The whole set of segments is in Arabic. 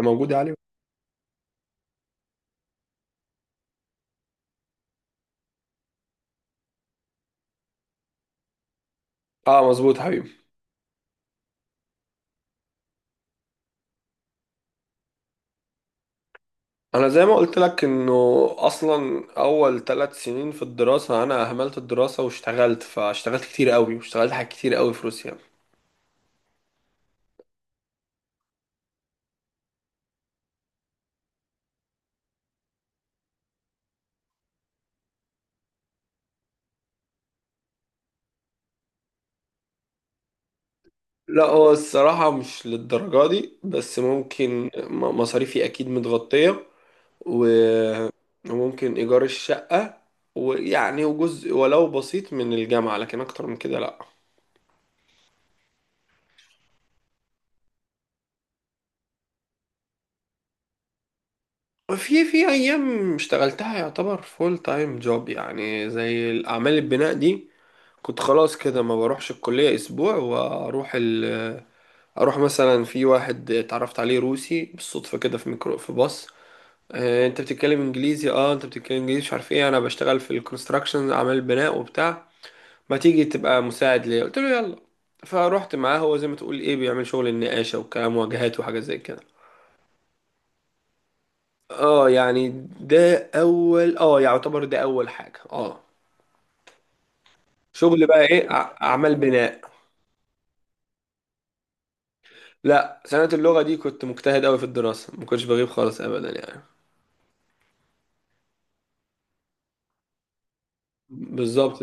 موجود يا علي. اه، مظبوط حبيبي. انا زي ما قلت لك انه اصلا اول 3 سنين في الدراسه انا اهملت الدراسه واشتغلت، فاشتغلت كتير قوي، واشتغلت حاجات كتير قوي في روسيا. لا، هو الصراحه مش للدرجه دي، بس ممكن مصاريفي اكيد متغطيه. و- وممكن ايجار الشقه، ويعني وجزء ولو بسيط من الجامعه، لكن اكتر من كده لا. في ايام اشتغلتها يعتبر فول تايم جوب، يعني زي الاعمال البناء دي كنت خلاص كده ما بروحش الكلية أسبوع، وأروح ال أروح مثلا في واحد اتعرفت عليه روسي بالصدفة كده، في ميكرو، في باص. آه، أنت بتتكلم إنجليزي، مش عارف إيه، أنا بشتغل في الكونستراكشن، أعمال بناء وبتاع، ما تيجي تبقى مساعد ليا؟ قلت له يلا. فروحت معاه، هو زي ما تقول إيه، بيعمل شغل النقاشة والكلام، واجهات وحاجات زي كده. أه، يعني ده أول، يعتبر ده أول حاجة. شغل بقى إيه؟ أعمال بناء. لا، سنة اللغة دي كنت مجتهد أوي في الدراسة، ما كنتش بغيب خالص أبدا يعني. بالظبط.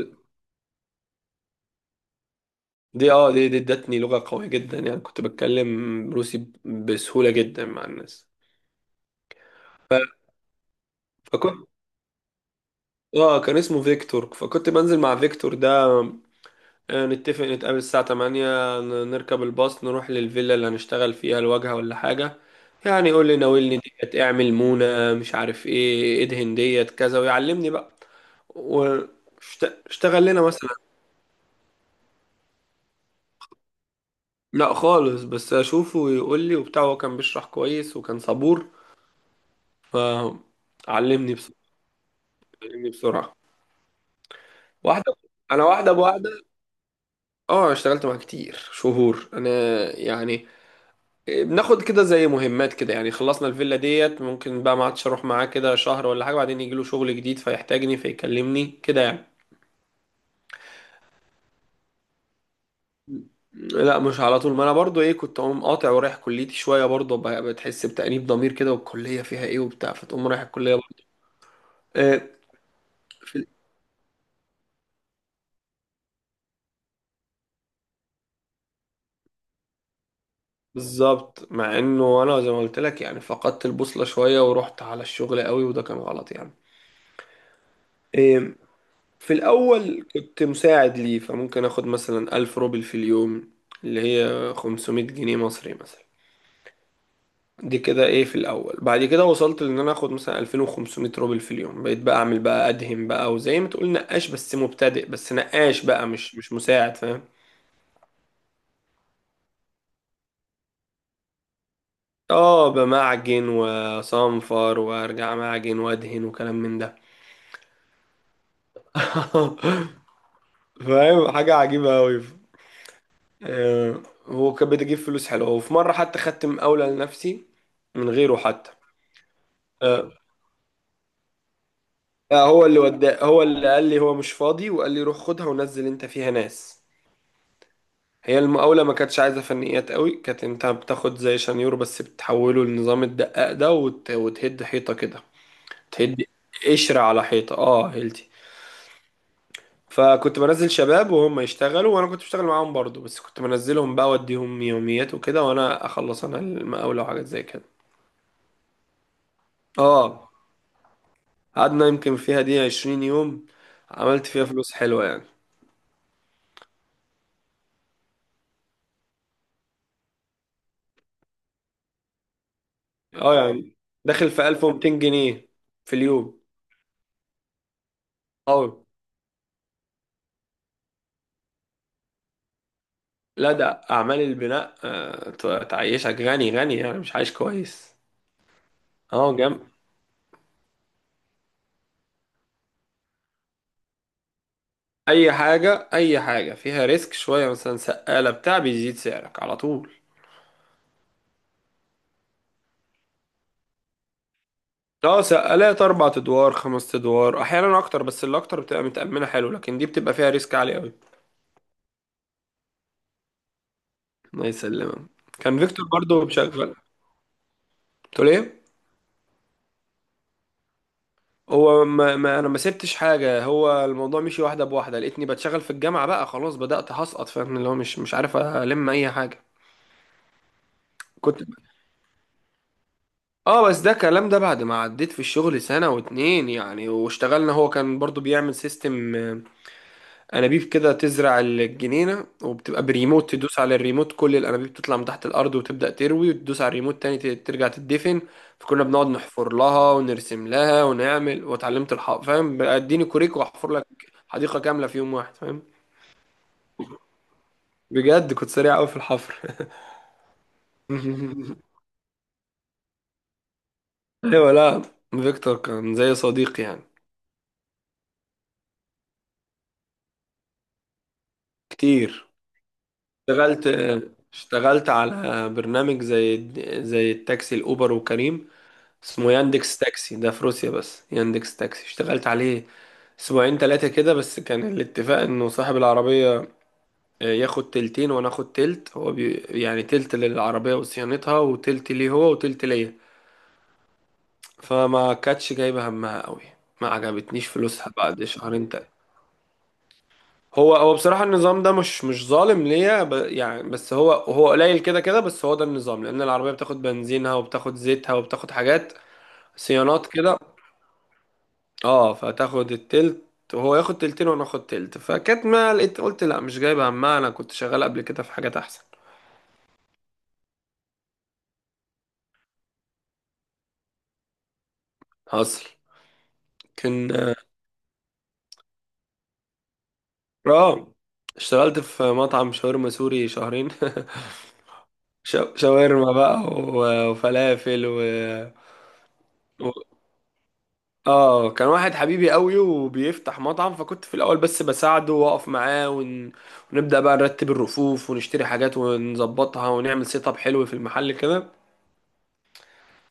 دي اه دي دي ادتني لغة قوية جدا، يعني كنت بتكلم روسي بسهولة جدا مع الناس. فكنت اه كان اسمه فيكتور، فكنت بنزل مع فيكتور ده. نتفق نتقابل الساعة 8، نركب الباص، نروح للفيلا اللي هنشتغل فيها الواجهة ولا حاجة. يعني يقول لي ناولني ديت، اعمل مونة، مش عارف ايه، ادهن ديت كذا، ويعلمني بقى. واشتغل لنا مثلا. لا خالص، بس اشوفه ويقول لي وبتاع، هو كان بيشرح كويس وكان صبور. فعلمني بسرعة علمني بسرعة واحدة. انا، واحدة بواحدة. اه، اشتغلت معاه كتير شهور انا، يعني بناخد كده زي مهمات كده، يعني خلصنا الفيلا ديت ممكن بقى ما عادش اروح معاه كده شهر ولا حاجة، بعدين يجي له شغل جديد فيحتاجني فيكلمني كده يعني. لا، مش على طول. ما انا برضو كنت اقوم قاطع ورايح كليتي شوية برضو، بتحس بتأنيب ضمير كده، والكلية فيها ايه وبتاع، فتقوم رايح الكلية برضو. آه، بالظبط. مع انه انا زي ما قلت لك، يعني فقدت البوصلة شوية ورحت على الشغل قوي، وده كان غلط يعني. إيه، في الاول كنت مساعد ليه، فممكن اخد مثلا 1000 روبل في اليوم، اللي هي 500 جنيه مصري مثلا. دي كده في الاول. بعد كده وصلت لان انا اخد مثلا 2500 روبل في اليوم، بقيت بقى اعمل بقى ادهم بقى، وزي ما تقول نقاش بس مبتدئ، بس نقاش بقى مش مساعد، فاهم؟ اه، بمعجن وصنفر وارجع معجن وادهن، وكلام من ده. فاهم؟ حاجة عجيبة أوي. هو كان بيجيب فلوس حلوة، وفي مرة حتى خدت مقاولة لنفسي من غيره حتى. آه، آه، هو اللي ودا، هو اللي قال لي هو مش فاضي، وقال لي روح خدها ونزل انت فيها ناس. هي المقاولة ما كانتش عايزة فنيات قوي، كانت انت بتاخد زي شنيور بس بتحوله لنظام الدقاق ده، وتهد حيطة كده. تهد قشرة على حيطة، هيلتي. فكنت بنزل شباب وهم يشتغلوا، وانا كنت بشتغل معاهم برضو، بس كنت بنزلهم بقى اوديهم يوميات وكده، وانا اخلص انا المقاولة وحاجات زي كده. اه، قعدنا يمكن فيها دي 20 يوم، عملت فيها فلوس حلوة يعني. اه يعني، داخل في 1200 جنيه في اليوم. اه لا، ده اعمال البناء تعيشك غني غني يعني، مش عايش كويس. اه، جنب. اي حاجة اي حاجة فيها ريسك شوية، مثلا سقالة بتاع بيزيد سعرك على طول. اه، سقالات 4 ادوار 5 ادوار احيانا اكتر، بس اللي اكتر بتبقى متأمنة حلو، لكن دي بتبقى فيها ريسك عالي قوي. الله يسلمك. كان فيكتور برضو مشغل، قلت ليه. هو ما انا ما سبتش حاجه، هو الموضوع مشي واحده بواحده، لقيتني بتشغل في الجامعه بقى، خلاص بدات هسقط، فاهم؟ اللي هو مش عارف الم اي حاجه، كنت. اه، بس ده الكلام ده بعد ما عديت في الشغل سنه واتنين يعني، واشتغلنا. هو كان برضو بيعمل سيستم انابيب كده، تزرع الجنينه وبتبقى بريموت، تدوس على الريموت كل الانابيب تطلع من تحت الارض وتبدا تروي، وتدوس على الريموت تاني ترجع تدفن. فكنا بنقعد نحفر لها ونرسم لها ونعمل، واتعلمت الحفر، فاهم بقى، اديني كوريك واحفر لك حديقه كامله في يوم واحد، فاهم؟ بجد كنت سريع قوي في الحفر. ايوه لا، فيكتور كان زي صديقي يعني. كتير. اشتغلت اشتغلت على برنامج زي التاكسي الاوبر وكريم، اسمه ياندكس تاكسي ده في روسيا، بس ياندكس تاكسي اشتغلت عليه اسبوعين تلاتة كده بس. كان الاتفاق انه صاحب العربية ياخد تلتين وانا اخد تلت، هو بي يعني، تلت للعربية وصيانتها وتلت ليه هو وتلت ليا. فما كانتش جايبة همها قوي، ما عجبتنيش فلوسها بعد شهرين تلاتة. هو بصراحة النظام ده مش ظالم ليا، يعني، بس هو قليل كده كده، بس هو ده النظام، لأن العربية بتاخد بنزينها وبتاخد زيتها وبتاخد حاجات صيانات كده. اه، فتاخد التلت وهو ياخد تلتين وانا اخد تلت. فكانت، ما لقيت، قلت لا، مش جايب همها. انا كنت شغال قبل كده في حاجات احسن. حصل. كان اه، اشتغلت في مطعم شاورما سوري شهرين. شاورما بقى وفلافل، و... و... اه كان واحد حبيبي قوي وبيفتح مطعم، فكنت في الاول بس بساعده واقف معاه، ونبدأ بقى نرتب الرفوف ونشتري حاجات ونظبطها، ونعمل سيت اب حلو في المحل كده.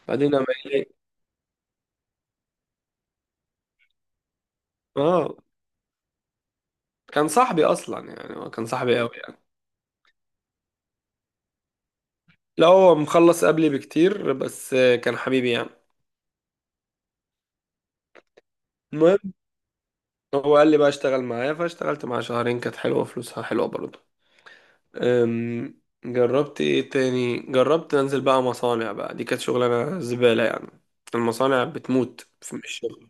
بعدين لما يلاقي- اه، كان صاحبي اصلا يعني، هو كان صاحبي قوي يعني. لا، هو مخلص قبلي بكتير، بس كان حبيبي يعني. المهم، هو قال لي بقى اشتغل معايا، فاشتغلت معاه شهرين كانت حلوه، فلوسها حلوه برضه. جربت ايه تاني؟ جربت انزل بقى مصانع بقى، دي كانت شغلانه زباله يعني. المصانع بتموت في، مش شغل.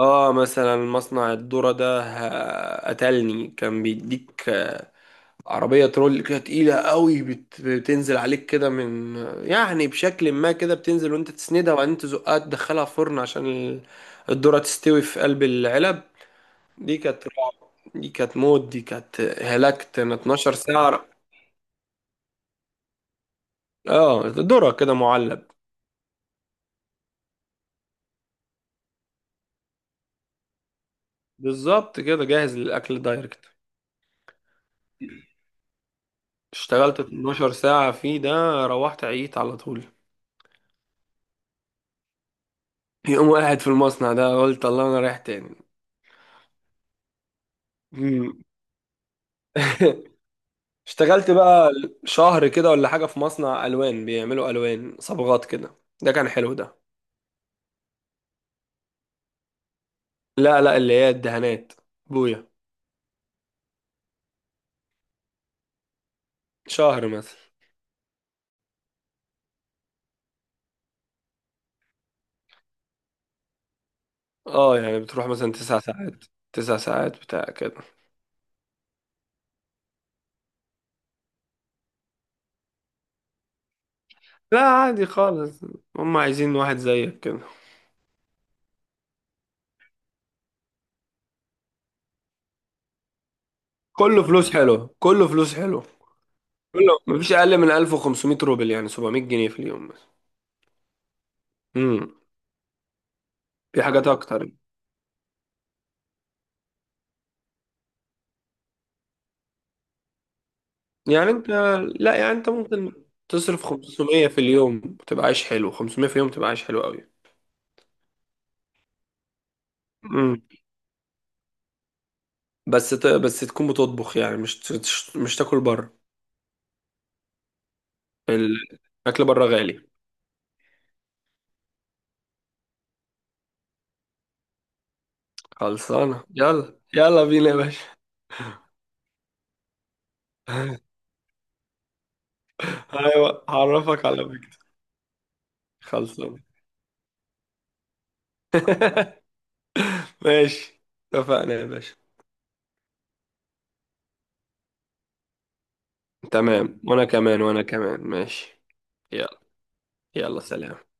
اه، مثلا مصنع الذرة ده قتلني. كان بيديك عربية ترول كده تقيلة قوي، بتنزل عليك كده من، يعني بشكل ما كده، بتنزل وانت تسندها، وبعدين تزقها تدخلها فرن عشان الذرة تستوي في قلب العلب. دي كانت رعب، دي كانت موت، دي كانت هلكت انا 12 ساعة. اه، ذرة كده معلب. بالظبط كده، جاهز للأكل دايركت. اشتغلت 12 ساعة فيه ده، روحت عييت على طول. يقوم قاعد في المصنع ده، قلت الله انا رايح تاني. مم. اشتغلت بقى شهر كده ولا حاجة في مصنع ألوان، بيعملوا ألوان، صبغات كده، ده كان حلو ده. لا لا، اللي هي الدهانات، بويا. شهر مثلا. اه يعني، بتروح مثلا 9 ساعات، 9 ساعات بتاع كده. لا، عادي خالص، هم عايزين واحد زيك كده. كله فلوس حلو، كله فلوس حلو، كله مفيش أقل من 1500 روبل يعني 700 جنيه في اليوم مثلا. امم. في حاجات أكتر. يعني أنت لا، يعني أنت ممكن تصرف 500 في اليوم تبقى عايش حلو، 500 في اليوم تبقى عايش حلو قوي. مم. بس بس تكون بتطبخ يعني، مش تاكل بره. الاكل بره غالي. خلصانه. يلا يلا بينا يا باشا. ايوه، هعرفك على فكره. خلصانه. ماشي. اتفقنا يا باشا. تمام، وانا كمان، وانا كمان ماشي. يلا. يلا سلام.